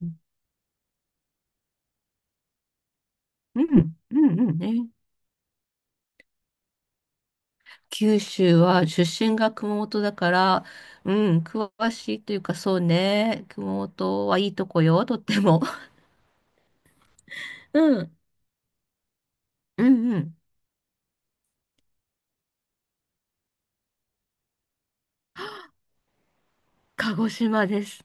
うん、うん、うんね。九州は出身が熊本だから、うん、詳しいというかそうね。熊本はいいとこよ、とっても。うん、うん、うん。鹿児島です。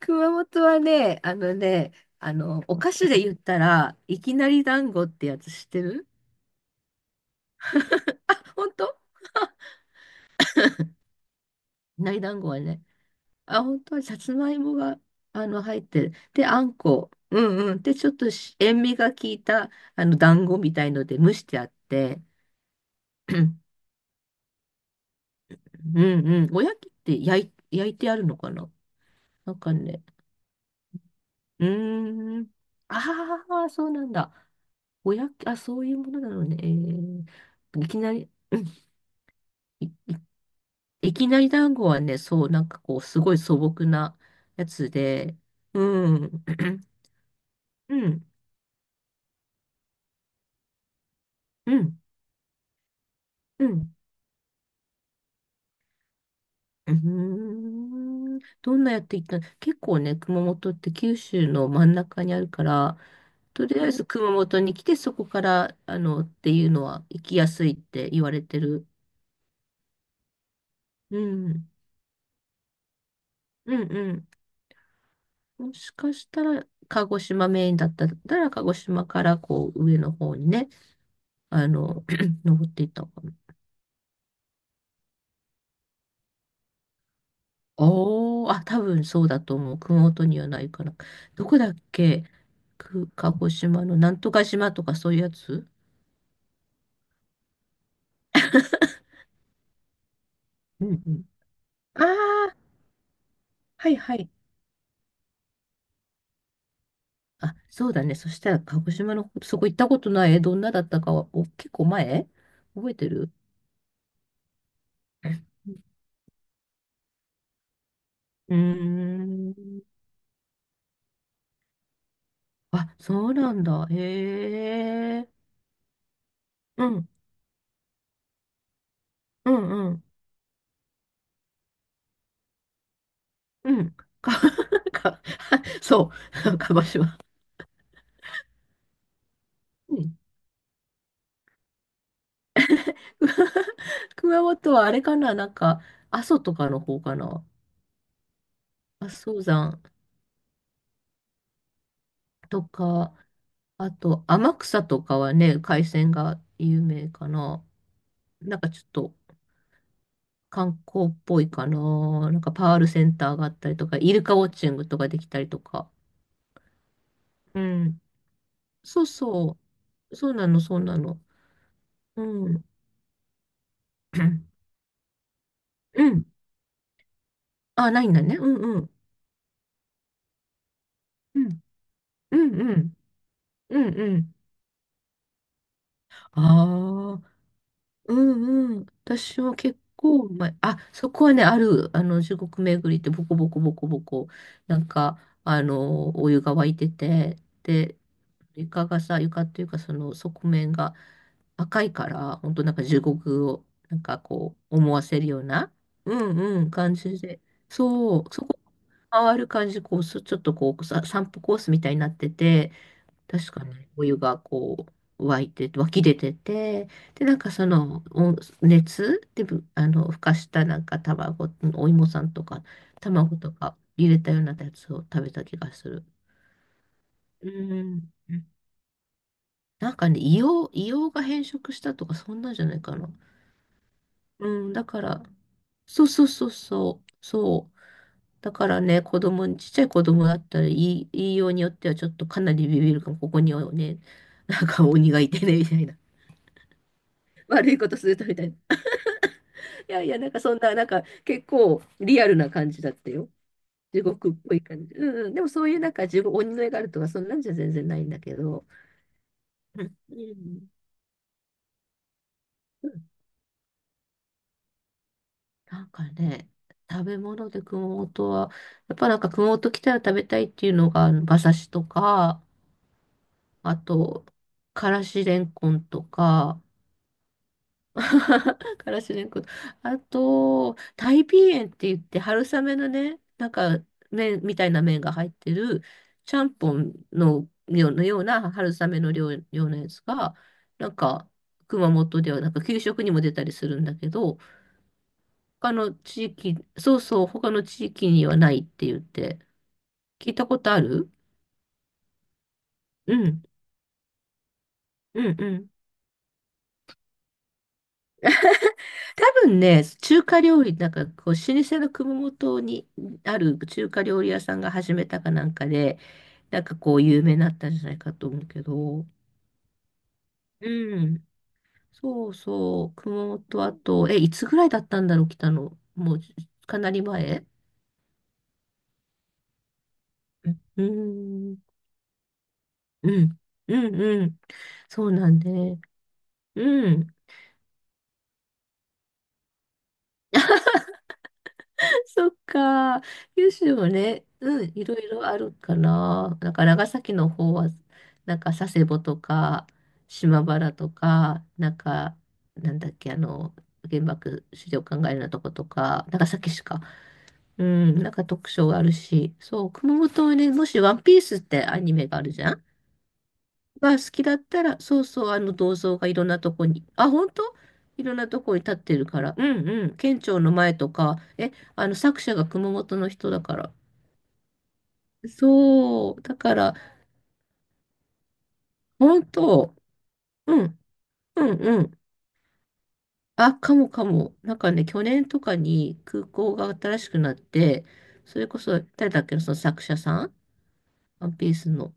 熊本はね、お菓子で言ったら、いきなり団子ってやつ知ってる？ 本当いきなり団子はね、あ、本当はさつまいもが、入ってる。で、あんこ。うんうん。で、ちょっと塩味が効いた、団子みたいので蒸してあって。うんうん。おやきって焼いてあるのかな？なんかね。うーん。ああ、そうなんだ。おやき、あ、そういうものなのね。えー、いきなり、うん、い、いきなり団子はね、そう、なんかこう、すごい素朴なやつで。うん。うん。うん。うん。うーん。どんなやっていったの？結構ね、熊本って九州の真ん中にあるから、とりあえず熊本に来て、そこから、っていうのは行きやすいって言われてる。うん。うんうん。もしかしたら、鹿児島メインだったら、鹿児島からこう上の方にね、あの、登っていったのかな。おー、あ、多分そうだと思う。熊本にはないから。どこだっけ？く、鹿児島のなんとか島とかそういうやつ。うんうん、ああ、はいはい。あ、そうだね。そしたら、鹿児島の、そこ行ったことない。え、どんなだったかは、お、結構前覚えてる？うーん。あ、そうなんだ。へえ。うん、うん、うん、うん。か、か、そう、鹿児島。うん。熊本はあれかな、なんか、阿蘇とかの方かな。阿蘇山とか、あと、天草とかはね、海鮮が有名かな。なんかちょっと、観光っぽいかな。なんかパールセンターがあったりとか、イルカウォッチングとかできたりとか。うん。そうそう。そうなの、そうなの。うん。うん。あ、ないんだね。うんうん。うん。うんうん。うんうん。ああ、うんうん。私も結構前、あ、そこはね、ある、中国巡りってボコボコボコボコ、なんか、お湯が湧いてて、で、床がさ、床っていうかその側面が赤いから、本当なんか地獄をなんかこう思わせるような、うんうん、感じで。そう、そこ回る感じ、こう、す、ちょっとこうさ、散歩コースみたいになってて、確かね、お湯がこう、湧き出てて、で、なんかその、お熱で、ぶあの、ふかしたなんか卵、お芋さんとか、卵とか入れたようなやつを食べた気がする。うん。なんかね、硫黄が変色したとか、そんなんじゃないかな。うん、だから、そう。だからね、子供に、ちっちゃい子供だったら、言いようによってはちょっとかなりビビるかも、ここにはね、なんか鬼がいてね、みたいな。悪いことするとみたいな。いやいや、なんかそんな、なんか結構リアルな感じだったよ。地獄っぽい感じ。うんうん、でもそういうなんか地獄、鬼の絵があるとか、そんなんじゃ全然ないんだけど。うん、うん、なんかね、食べ物で熊本は、やっぱなんか熊本来たら食べたいっていうのが、あの馬刺しとか、あと、からしれんこんとか、からしれんこん、あと、タイピーエンって言って春雨のね、なんか麺みたいな麺が入ってる、ちゃんぽんのような春雨の量、ようなやつが、なんか熊本ではなんか給食にも出たりするんだけど、他の地域、そうそう、他の地域にはないって言って、聞いたことある？うん、うん、うん。多分ね、中華料理、なんかこう、老舗の熊本にある中華料理屋さんが始めたかなんかで、なんかこう、有名になったんじゃないかと思うけど、うん、そうそう、熊本あと、え、いつぐらいだったんだろう、来たの。もう、かなり前。うん、うん、うん、うん、そうなんでね。うん。そっか。九州もね、うん、いろいろあるかな。なんか長崎の方は、なんか佐世保とか、島原とか、なんか、なんだっけ、原爆資料館があるようなとことか、長崎市か。うん、なんか特徴があるし、そう、熊本はね、もしワンピースってアニメがあるじゃんが好きだったら、そうそう、あの銅像がいろんなとこに、あ、本当いろんなとこに立ってるから、うんうん、県庁の前とか、え、あの作者が熊本の人だから。そう、だから、本当、うん、うん、うん。あ、かもかも。なんかね、去年とかに空港が新しくなって、それこそ、誰だっけな、その作者さんワンピースの。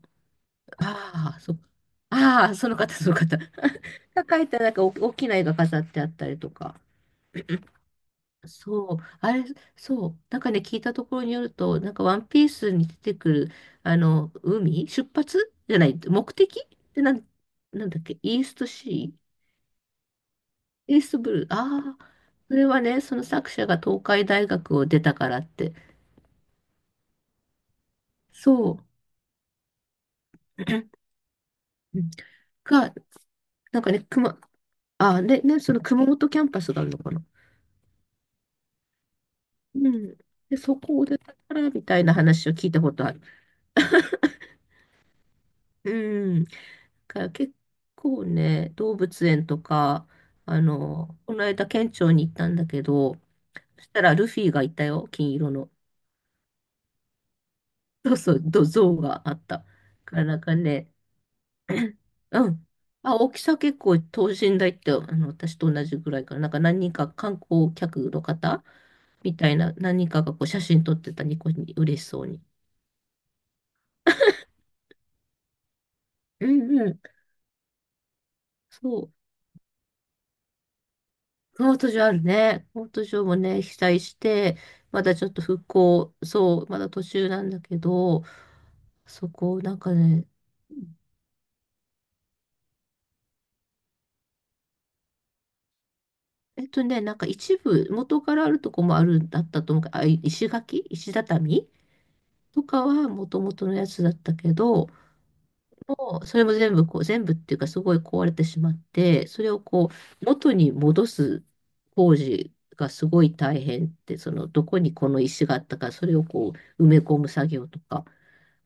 ああ、そっか。ああ、その方、その方。が描いたなんかお大きな絵が飾ってあったりとか。そう、あれ、そう、なんかね、聞いたところによると、なんかワンピースに出てくる、海、出発じゃない、目的で、なんだっけ、イーストブルー、ああ、それはね、その作者が東海大学を出たからって、そう、うん、が、なんかね、ああ、で、ね、その熊本キャンパスがあるのかな。うん。で、そこを出たから、みたいな話を聞いたことある。うん。から結構ね、動物園とか、この間県庁に行ったんだけど、そしたらルフィがいたよ、金色の。そうそう、ど像があった。からなんかね、うん。あ、大きさ結構等身大って、私と同じぐらいかな。なんか何人か観光客の方みたいな、何人かがこう写真撮ってたニコに嬉しそうに。うんうん。そう。コート上あるね。コート上もね、被災して、まだちょっと復興、そう、まだ途中なんだけど、そこ、なんかね、えっとね、なんか一部、元からあるとこもあるんだったと思うけど、あ、い石垣、石畳とかは元々のやつだったけど、もうそれも全部こう、全部っていうかすごい壊れてしまって、それをこう、元に戻す工事がすごい大変って、その、どこにこの石があったか、それをこう、埋め込む作業とか。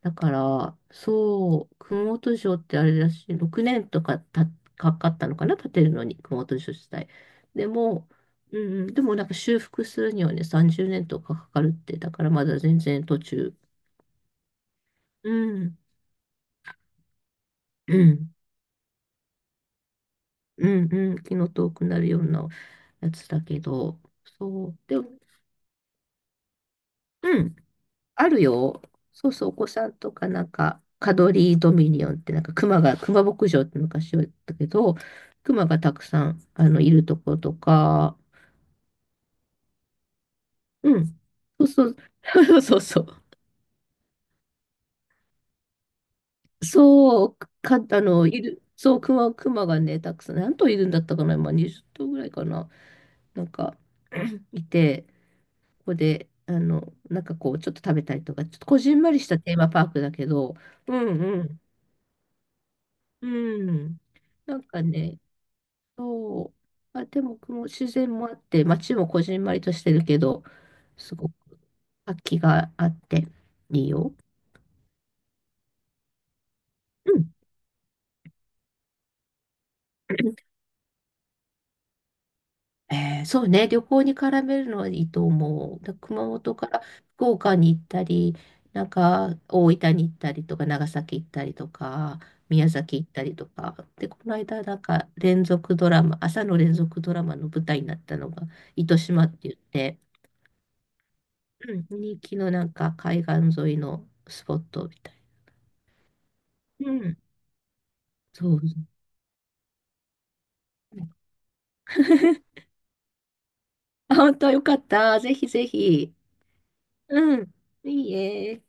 だから、そう、熊本城ってあれだし、6年とかかかったのかな、建てるのに、熊本城自体。でも、うんうん、でもなんか修復するにはね、30年とかかかるって、だからまだ全然途中。うん、うん、うん、うん、気の遠くなるようなやつだけど、そう、でも、うん、あるよ。そうそう、お子さんとかなんか、カドリードミニオンってなんか、熊が、熊牧場って昔は言ったけど、熊がたくさん、いるところとか、うん。そうそう、そうそう。そう、か、いる、そう、熊がね、たくさん、何頭いるんだったかな、今20頭ぐらいかな、なんか、いて、ここで、なんかこう、ちょっと食べたりとか、ちょっとこじんまりしたテーマパークだけど、うんうん、うん。なんかね、そう。あ、でも、この自然もあって、街もこじんまりとしてるけど、すごく活気があって、いいよ。うん。えー、そうね、旅行に絡めるのはいいと思う。だ熊本から福岡に行ったり、なんか大分に行ったりとか、長崎行ったりとか、宮崎行ったりとか。で、この間、なんか連続ドラマ、朝の連続ドラマの舞台になったのが、糸島って言って、うん、人気のなんか海岸沿いのスポットみたいな。うん。そう。あ、本当よかった。ぜひぜひ。うん。いいえ。